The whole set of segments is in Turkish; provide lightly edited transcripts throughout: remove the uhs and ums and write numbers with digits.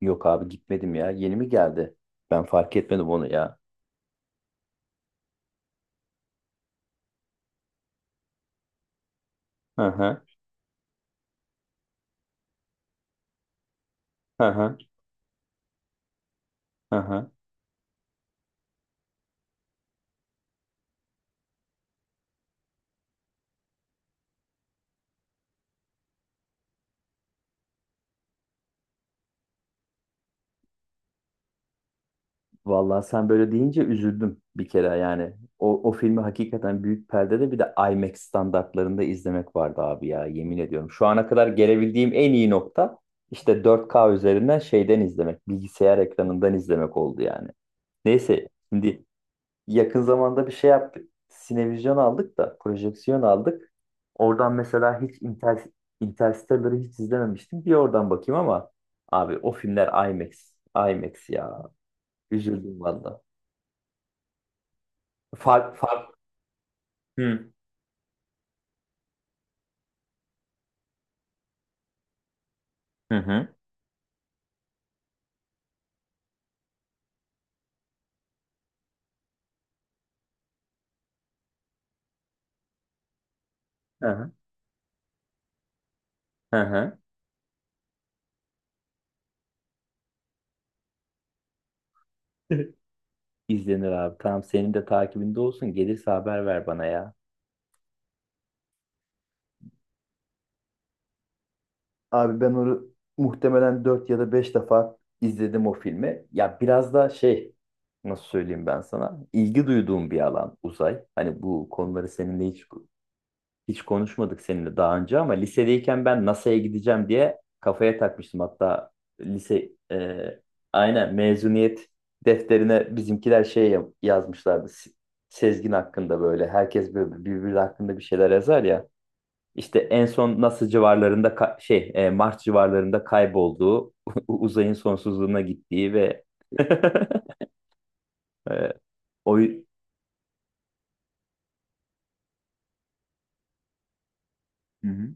Yok abi gitmedim ya. Yeni mi geldi? Ben fark etmedim onu ya. Hı hı. Hı hı. Hı hı. Vallahi sen böyle deyince üzüldüm bir kere yani. O filmi hakikaten büyük perdede bir de IMAX standartlarında izlemek vardı abi ya, yemin ediyorum. Şu ana kadar gelebildiğim en iyi nokta işte 4K üzerinden şeyden izlemek, bilgisayar ekranından izlemek oldu yani. Neyse, şimdi yakın zamanda bir şey yaptık. Sinevizyon aldık da, projeksiyon aldık. Oradan mesela hiç Inter Interstellar'ı hiç izlememiştim. Bir oradan bakayım ama abi, o filmler IMAX. IMAX ya. Üzüldüm valla. Fark fark. Hı. Hı hı. Hı hı. Hı hı. İzlenir abi. Tamam, senin de takibinde olsun. Gelirse haber ver bana ya. Abi ben onu muhtemelen 4 ya da 5 defa izledim o filmi. Ya biraz da şey, nasıl söyleyeyim ben sana? İlgi duyduğum bir alan uzay. Hani bu konuları seninle hiç konuşmadık seninle daha önce, ama lisedeyken ben NASA'ya gideceğim diye kafaya takmıştım. Hatta lise aynen mezuniyet defterine bizimkiler şey yazmışlardı. Sezgin hakkında böyle, herkes böyle birbiri hakkında bir şeyler yazar ya. İşte en son NASA civarlarında Mars civarlarında kaybolduğu, uzayın sonsuzluğuna gittiği ve e, o hı hı.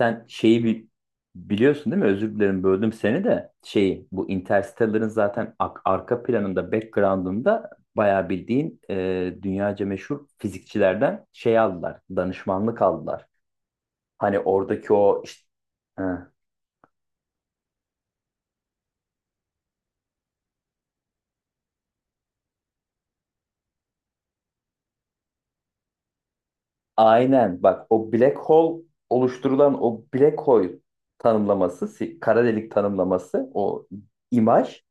Sen şeyi biliyorsun değil mi? Özür dilerim, böldüm seni de. Şeyi, bu Interstellar'ın zaten arka planında, background'ında bayağı bildiğin dünyaca meşhur fizikçilerden şey aldılar, danışmanlık aldılar. Hani oradaki o işte, aynen bak, o black hole, oluşturulan o black hole tanımlaması, kara delik tanımlaması, o imaj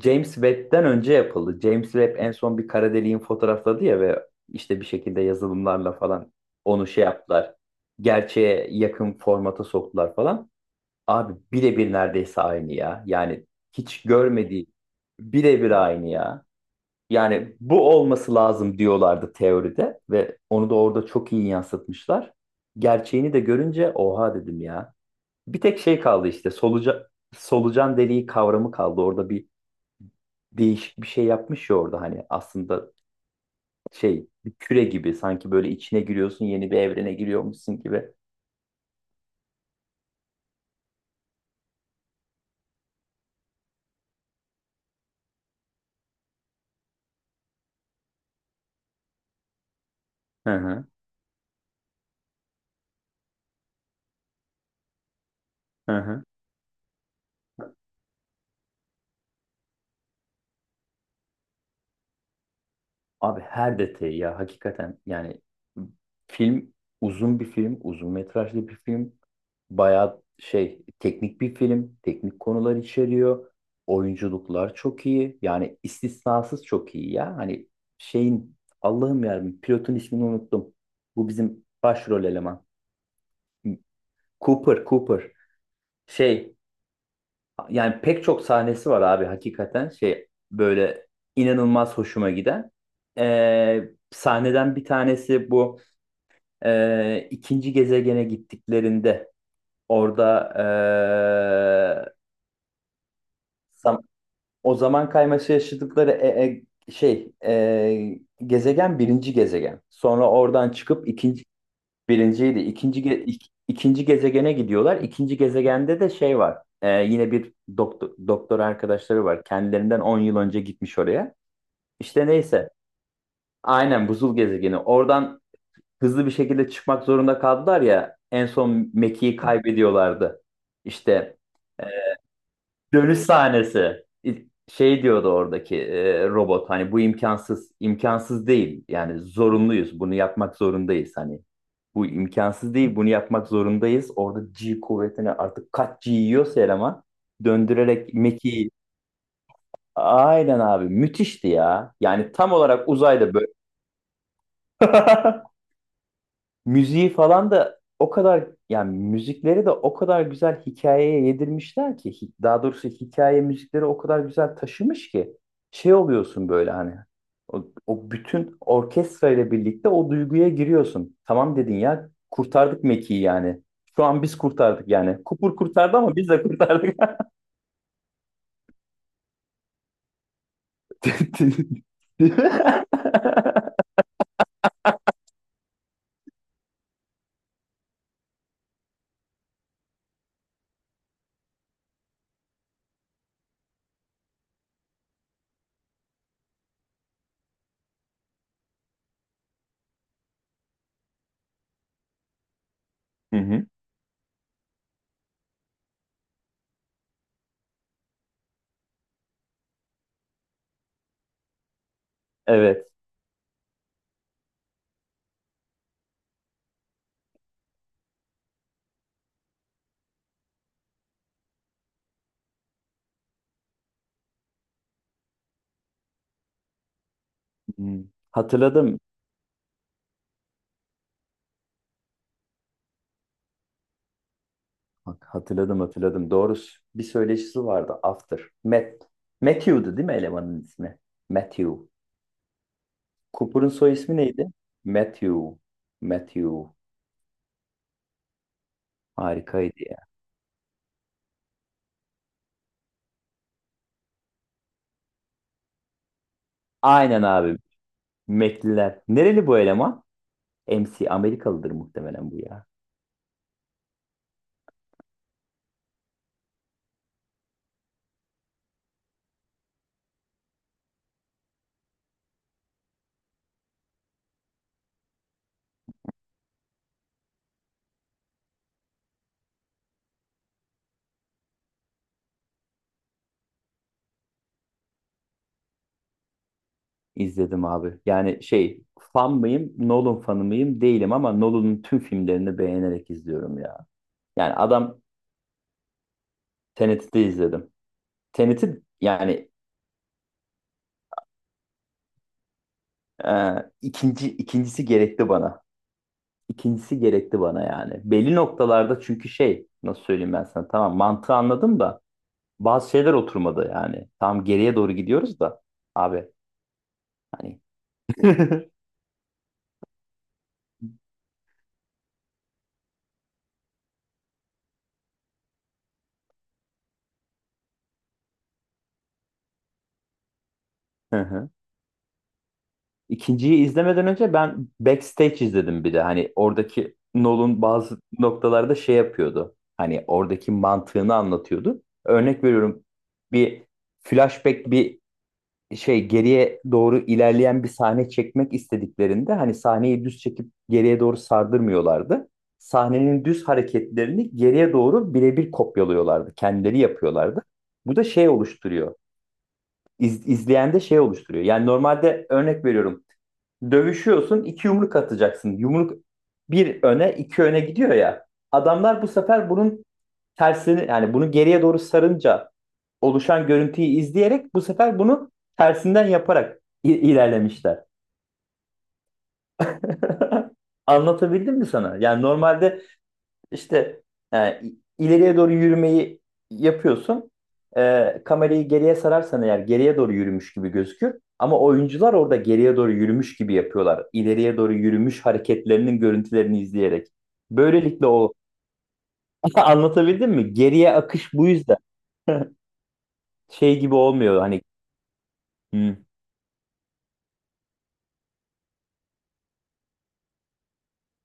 James Webb'den önce yapıldı. James Webb en son bir kara deliğin fotoğrafladı ya, ve işte bir şekilde yazılımlarla falan onu şey yaptılar. Gerçeğe yakın formata soktular falan. Abi birebir neredeyse aynı ya. Yani hiç görmediği birebir aynı ya. Yani bu olması lazım diyorlardı teoride, ve onu da orada çok iyi yansıtmışlar. Gerçeğini de görünce oha dedim ya. Bir tek şey kaldı, işte solucan deliği kavramı kaldı. Orada bir değişik bir şey yapmış ya, orada hani aslında şey, bir küre gibi, sanki böyle içine giriyorsun, yeni bir evrene giriyormuşsun gibi. Hı hı, hı hı. Abi her detayı ya, hakikaten yani, film uzun bir film, uzun metrajlı bir film. Bayağı şey, teknik bir film, teknik konular içeriyor. Oyunculuklar çok iyi. Yani istisnasız çok iyi ya. Hani şeyin, Allah'ım yarabbim, pilotun ismini unuttum. Bu bizim başrol eleman. Cooper, Cooper. Şey yani, pek çok sahnesi var abi, hakikaten şey böyle inanılmaz hoşuma giden. Sahneden bir tanesi bu, ikinci gezegene gittiklerinde orada zam- o zaman kayması yaşadıkları gezegen, birinci gezegen. Sonra oradan çıkıp ikinci. Birinciydi. İkinci gezegene gidiyorlar. İkinci gezegende de şey var. Yine bir doktor, doktor arkadaşları var. Kendilerinden 10 yıl önce gitmiş oraya. İşte neyse. Aynen buzul gezegeni. Oradan hızlı bir şekilde çıkmak zorunda kaldılar ya. En son Meki'yi kaybediyorlardı. İşte. Dönüş sahnesi. Şey diyordu oradaki robot, hani, bu imkansız. İmkansız değil. Yani zorunluyuz. Bunu yapmak zorundayız hani. Bu imkansız değil. Bunu yapmak zorundayız. Orada G kuvvetini, artık kaç G yiyorsa eleman döndürerek Meki. Aynen abi, müthişti ya. Yani tam olarak uzayda böyle. Müziği falan da o kadar, yani müzikleri de o kadar güzel hikayeye yedirmişler ki, daha doğrusu hikaye müzikleri o kadar güzel taşımış ki, şey oluyorsun böyle, hani o bütün orkestra ile birlikte o duyguya giriyorsun. Tamam dedin ya, kurtardık Meki'yi yani. Şu an biz kurtardık yani. Kupur kurtardı ama biz de kurtardık. Değil mi? Hı hı. Evet. Hı. Hatırladım. Bak, hatırladım hatırladım. Doğrusu bir söyleşisi vardı. After. Matt. Matthew'du değil mi elemanın ismi? Matthew. Cooper'ın soy ismi neydi? Matthew. Matthew. Harikaydı ya. Aynen abi. Mekliler. Nereli bu eleman? MC. Amerikalıdır muhtemelen bu ya. İzledim abi. Yani şey, fan mıyım? Nolan fanı mıyım? Değilim ama Nolan'ın tüm filmlerini beğenerek izliyorum ya. Yani adam, Tenet'i de izledim. Tenet'i yani ikincisi gerekti bana. İkincisi gerekti bana yani. Belli noktalarda çünkü, şey, nasıl söyleyeyim ben sana, tamam mantığı anladım da bazı şeyler oturmadı yani. Tam geriye doğru gidiyoruz da abi, hani. Hı hı. İkinciyi izlemeden önce ben Backstage izledim bir de. Hani oradaki Nolan bazı noktalarda şey yapıyordu. Hani oradaki mantığını anlatıyordu. Örnek veriyorum, bir flashback, bir şey, geriye doğru ilerleyen bir sahne çekmek istediklerinde hani, sahneyi düz çekip geriye doğru sardırmıyorlardı. Sahnenin düz hareketlerini geriye doğru birebir kopyalıyorlardı. Kendileri yapıyorlardı. Bu da şey oluşturuyor. İz, izleyende şey oluşturuyor. Yani normalde, örnek veriyorum. Dövüşüyorsun, 2 yumruk atacaksın. Yumruk bir öne, iki öne gidiyor ya. Adamlar bu sefer bunun tersini, yani bunu geriye doğru sarınca oluşan görüntüyü izleyerek bu sefer bunu tersinden yaparak ilerlemişler. Anlatabildim mi sana? Yani normalde işte e, ileriye doğru yürümeyi yapıyorsun. Kamerayı geriye sararsan eğer, geriye doğru yürümüş gibi gözükür. Ama oyuncular orada geriye doğru yürümüş gibi yapıyorlar, İleriye doğru yürümüş hareketlerinin görüntülerini izleyerek. Böylelikle o anlatabildim mi? Geriye akış bu yüzden. Şey gibi olmuyor hani. "Hmm,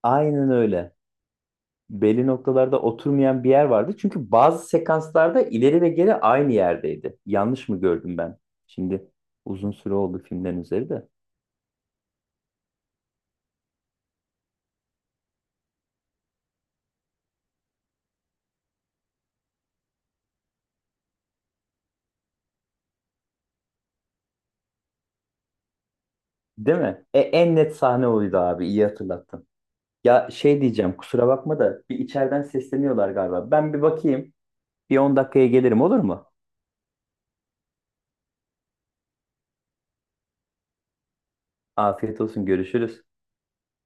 aynen öyle. Belli noktalarda oturmayan bir yer vardı. Çünkü bazı sekanslarda ileri ve geri aynı yerdeydi. Yanlış mı gördüm ben? Şimdi, uzun süre oldu filmlerin üzeri de. Değil mi? En net sahne oydu abi, iyi hatırlattın. Ya şey diyeceğim, kusura bakma da, bir içeriden sesleniyorlar galiba. Ben bir bakayım. Bir 10 dakikaya gelirim, olur mu? Afiyet olsun, görüşürüz.